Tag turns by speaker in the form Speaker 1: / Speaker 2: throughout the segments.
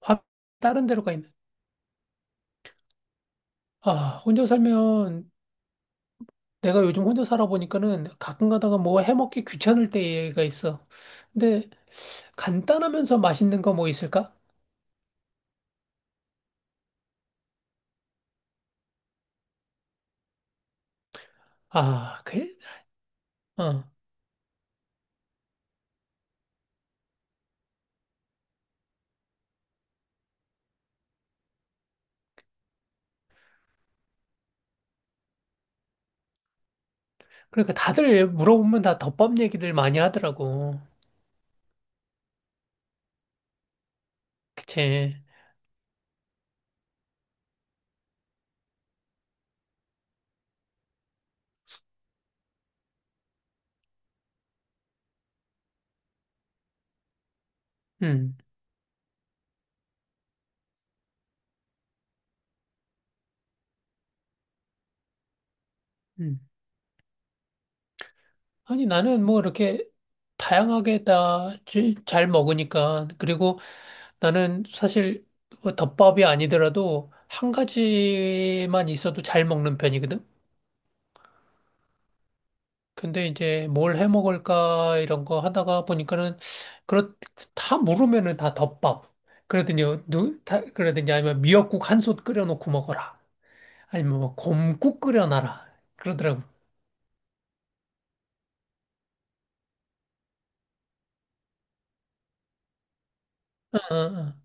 Speaker 1: 화 다른 데로 가 있는. 아, 혼자 살면 내가 요즘 혼자 살아보니까는 가끔 가다가 뭐 해먹기 귀찮을 때가 있어. 근데 간단하면서 맛있는 거 뭐 있을까? 아, 그래? 어. 그러니까 다들 물어보면 다 덮밥 얘기들 많이 하더라고. 그치? 음. 음. 아니, 나는 뭐 이렇게 다양하게 다 잘 먹으니까. 그리고 나는 사실 뭐 덮밥이 아니더라도 한 가지만 있어도 잘 먹는 편이거든. 근데 이제 뭘 해 먹을까 이런 거 하다가 보니까는 그렇 다 물으면은 다 덮밥. 그러더니 그러더니 아니면 미역국 한솥 끓여 놓고 먹어라. 아니면 뭐 곰국 끓여 놔라. 그러더라고. 어, 어, 어.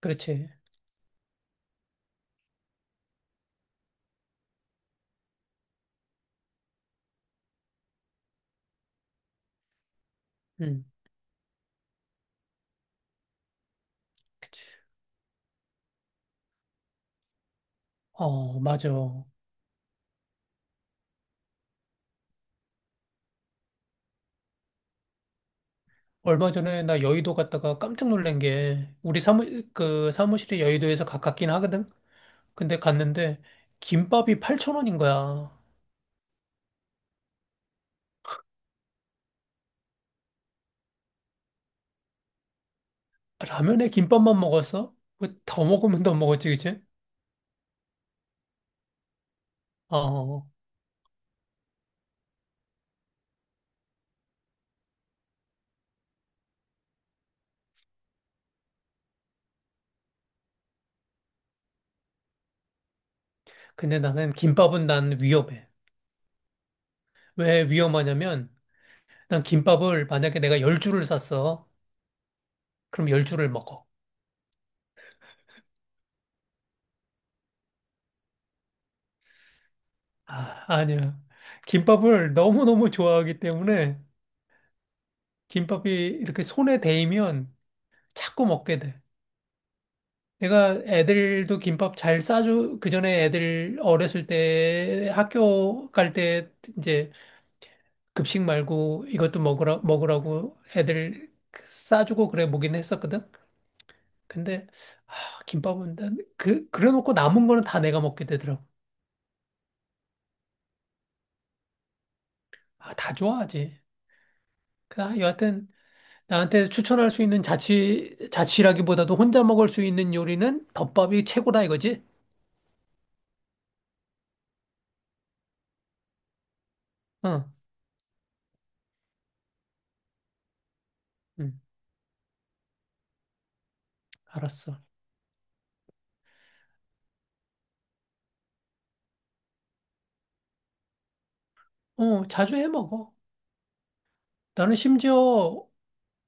Speaker 1: 그렇지. 음. 어, 맞아. 얼마 전에 나 여의도 갔다가 깜짝 놀란 게 우리 사무 그 사무실이 여의도에서 가깝긴 하거든. 근데 갔는데 김밥이 8,000원인 거야. 라면에 김밥만 먹었어? 뭐더 먹으면 더 먹었지, 그치? 어, 근데 나는 김밥은 난 위험해. 왜 위험하냐면, 난 김밥을 만약에 내가 열 줄을 샀어. 그럼 열 줄을 먹어. 아, 아니야. 김밥을 너무너무 좋아하기 때문에, 김밥이 이렇게 손에 대이면 자꾸 먹게 돼. 내가 애들도 김밥 잘 싸주, 그 전에 애들 어렸을 때 학교 갈 때 이제 급식 말고 이것도 먹으라고 애들 싸주고 그래 보긴 했었거든. 근데 아, 김밥은 난 그래놓고 남은 거는 다 내가 먹게 되더라고. 아, 다 좋아하지. 여하튼 나한테 추천할 수 있는 자취라기보다도 혼자 먹을 수 있는 요리는 덮밥이 최고다 이거지? 응. 응. 알았어. 어, 자주 해 먹어. 나는 심지어,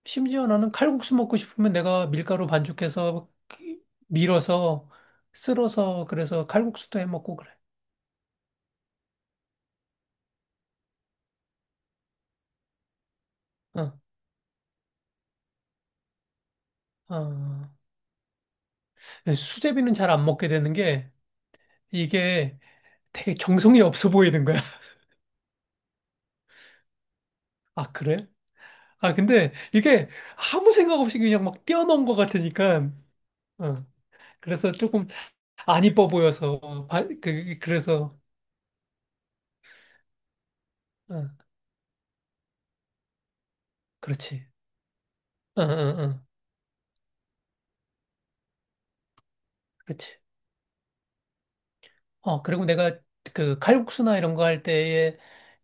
Speaker 1: 심지어 나는 칼국수 먹고 싶으면 내가 밀가루 반죽해서 그 밀어서 쓸어서 그래서 칼국수도 해 먹고 그래. 어. 어. 수제비는 잘 안 먹게 되는 게 이게 되게 정성이 없어 보이는 거야. 아, 그래? 아, 근데 이게 아무 생각 없이 그냥 막 뛰어넘은 것 같으니까, 어. 그래서 조금 안 이뻐 보여서, 바- 그, 그, 그래서, 어, 그렇지. 어, 어, 어, 그렇지. 어, 그리고 내가 그 칼국수나 이런 거 할 때에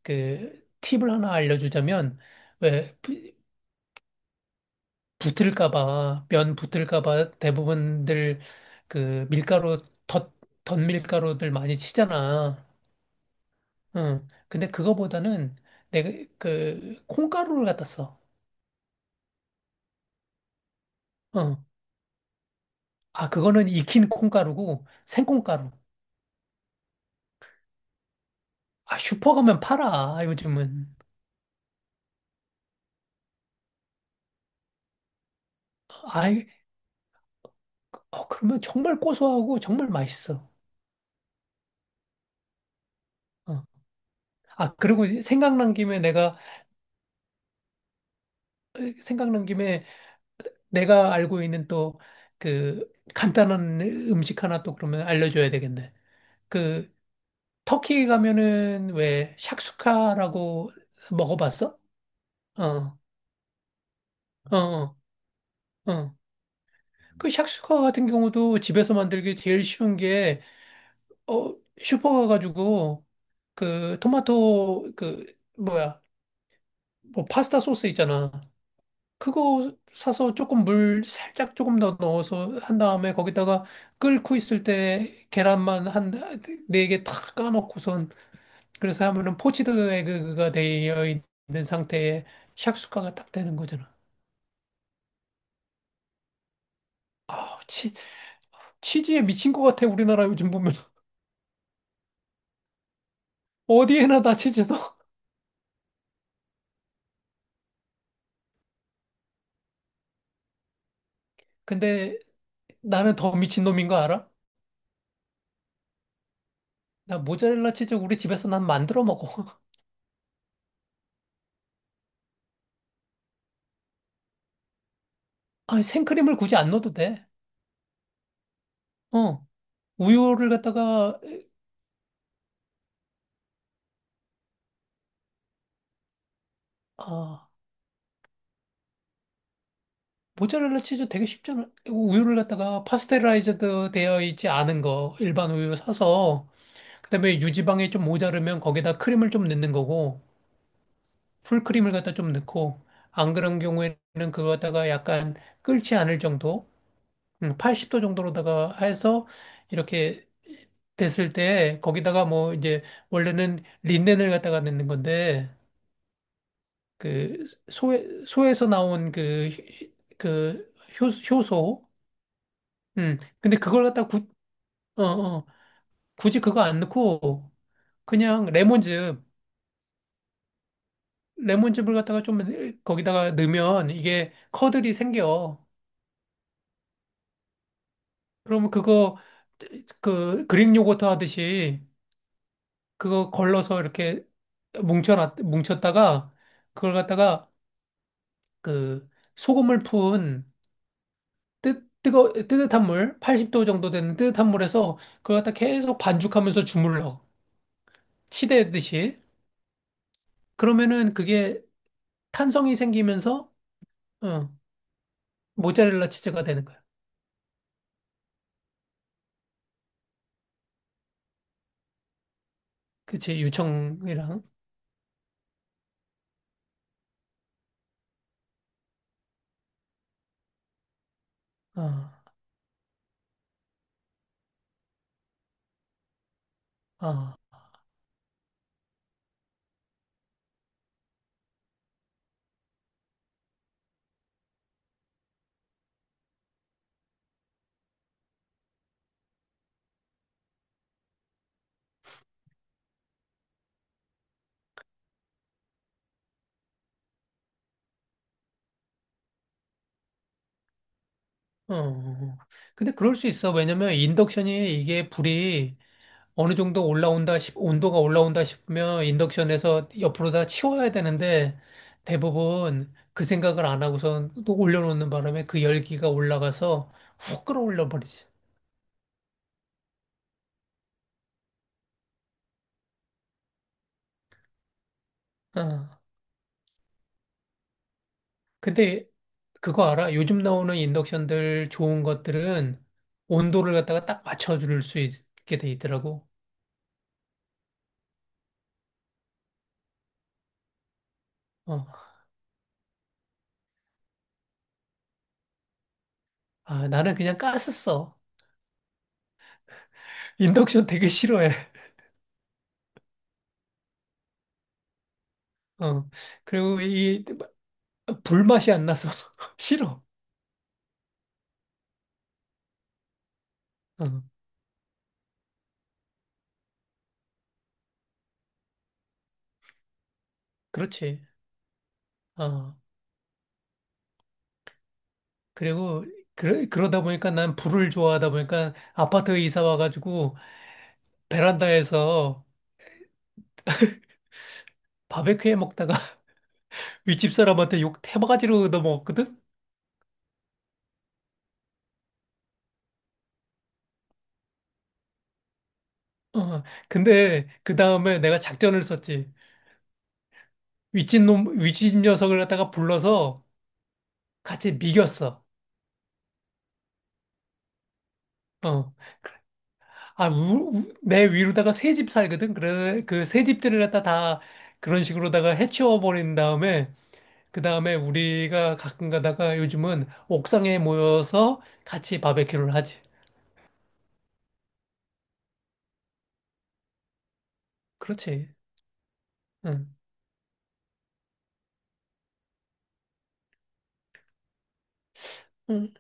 Speaker 1: 그 팁을 하나 알려주자면, 왜 붙을까 봐, 면 붙을까 봐 대부분들 그 밀가루, 덧 밀가루들 많이 치잖아. 응. 근데 그거보다는 내가 그 콩가루를 갖다 써. 응. 아, 그거는 익힌 콩가루고 생콩가루. 아, 슈퍼 가면 팔아, 요즘은. 아이, 그러면 정말 고소하고 정말 맛있어. 어. 아, 그리고 생각난 김에 내가 알고 있는 또 그 간단한 음식 하나 또 그러면 알려줘야 되겠네. 그 터키 가면은 왜 샥슈카라고 먹어봤어? 어, 어, 어. 어. 그 샥슈카 같은 경우도 집에서 만들기 제일 쉬운 게, 슈퍼 가가지고, 그, 토마토, 그, 뭐야, 뭐, 파스타 소스 있잖아. 그거 사서 조금 물 살짝 조금 더 넣어서 한 다음에 거기다가 끓고 있을 때 계란만 한 4개 탁 까놓고선 그래서 하면은 포치드 에그가 되어 있는 상태에 샥슈카가 딱 되는 거잖아. 아, 치즈에 미친 것 같아, 우리나라 요즘 보면. 어디에나 다 치즈 넣어. 근데 나는 더 미친 놈인 거 알아? 나 모짜렐라 치즈 우리 집에서 난 만들어 먹어. 아, 생크림을 굳이 안 넣어도 돼. 어, 우유를 갖다가 아, 모짜렐라 치즈 되게 쉽잖아. 우유를 갖다가 파스테라이즈드 되어 있지 않은 거 일반 우유 사서 그다음에 유지방이 좀 모자르면 거기다 크림을 좀 넣는 거고 풀크림을 갖다 좀 넣고 안 그런 경우에는 그거 갖다가 약간 끓지 않을 정도, 80도 정도로다가 해서 이렇게 됐을 때 거기다가 뭐 이제 원래는 린넨을 갖다가 넣는 건데 그 소에서 나온 그 그 효소. 근데 어, 어, 굳이 그거 안 넣고 그냥 레몬즙을 갖다가 좀 거기다가 넣으면 이게 커들이 생겨. 그러면 그거 그 그릭 요거트 하듯이 그거 걸러서 이렇게 뭉쳤다가 그걸 갖다가 그 소금을 푼 뜨뜻한 물, 80도 정도 되는 뜨뜻한 물에서 그걸 갖다 계속 반죽하면서 주물러. 치대듯이. 그러면은 그게 탄성이 생기면서, 어, 모짜렐라 치즈가 되는 거야. 그치, 유청이랑. 어, 어, 어. 어. 근데 그럴 수 있어. 왜냐면 인덕션이 이게 불이 어느 정도 올라온다 온도가 올라온다 싶으면 인덕션에서 옆으로 다 치워야 되는데 대부분 그 생각을 안 하고선 또 올려놓는 바람에 그 열기가 올라가서 훅 끌어올려 버리지. 어. 근데 그거 알아? 요즘 나오는 인덕션들 좋은 것들은 온도를 갖다가 딱 맞춰줄 수 있게 돼 있더라고. 어. 아, 나는 그냥 가스 써. 인덕션 되게 싫어해. 어. 그리고 이 불맛이 안 나서 싫어. 어. 그렇지. 어 그리고 그러다 보니까 난 불을 좋아하다 보니까 아파트에 이사 와가지고 베란다에서 바베큐 해 먹다가 윗집 사람한테 욕 태바가지로 넘어거든. 어, 근데 그 다음에 내가 작전을 썼지. 윗집 녀석을 갖다가 불러서 같이 미겼어. 어. 아, 내 위로다가 새 집 살거든? 그래, 그 새 집들을 갖다 다 그런 식으로다가 해치워 버린 다음에 그 다음에 우리가 가끔 가다가 요즘은 옥상에 모여서 같이 바베큐를 하지. 그렇지. 응. 응.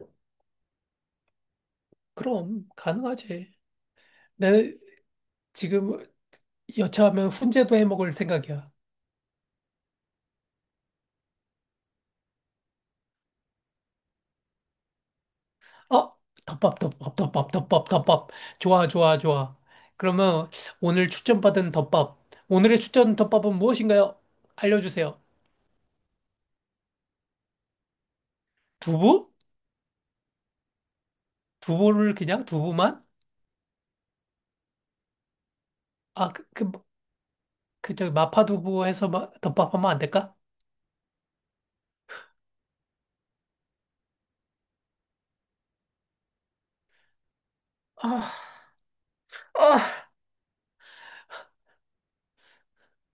Speaker 1: 그럼 가능하지. 내 지금 여차하면 훈제도 해 먹을 생각이야. 어? 덮밥, 덮밥, 덮밥, 덮밥, 덮밥. 좋아, 좋아, 좋아. 그러면 오늘 추천받은 덮밥. 오늘의 추천 덮밥은 무엇인가요? 알려주세요. 두부? 두부를 그냥 두부만? 아, 저기 마파두부 해서 덮밥 하면 안 될까? 아, 아.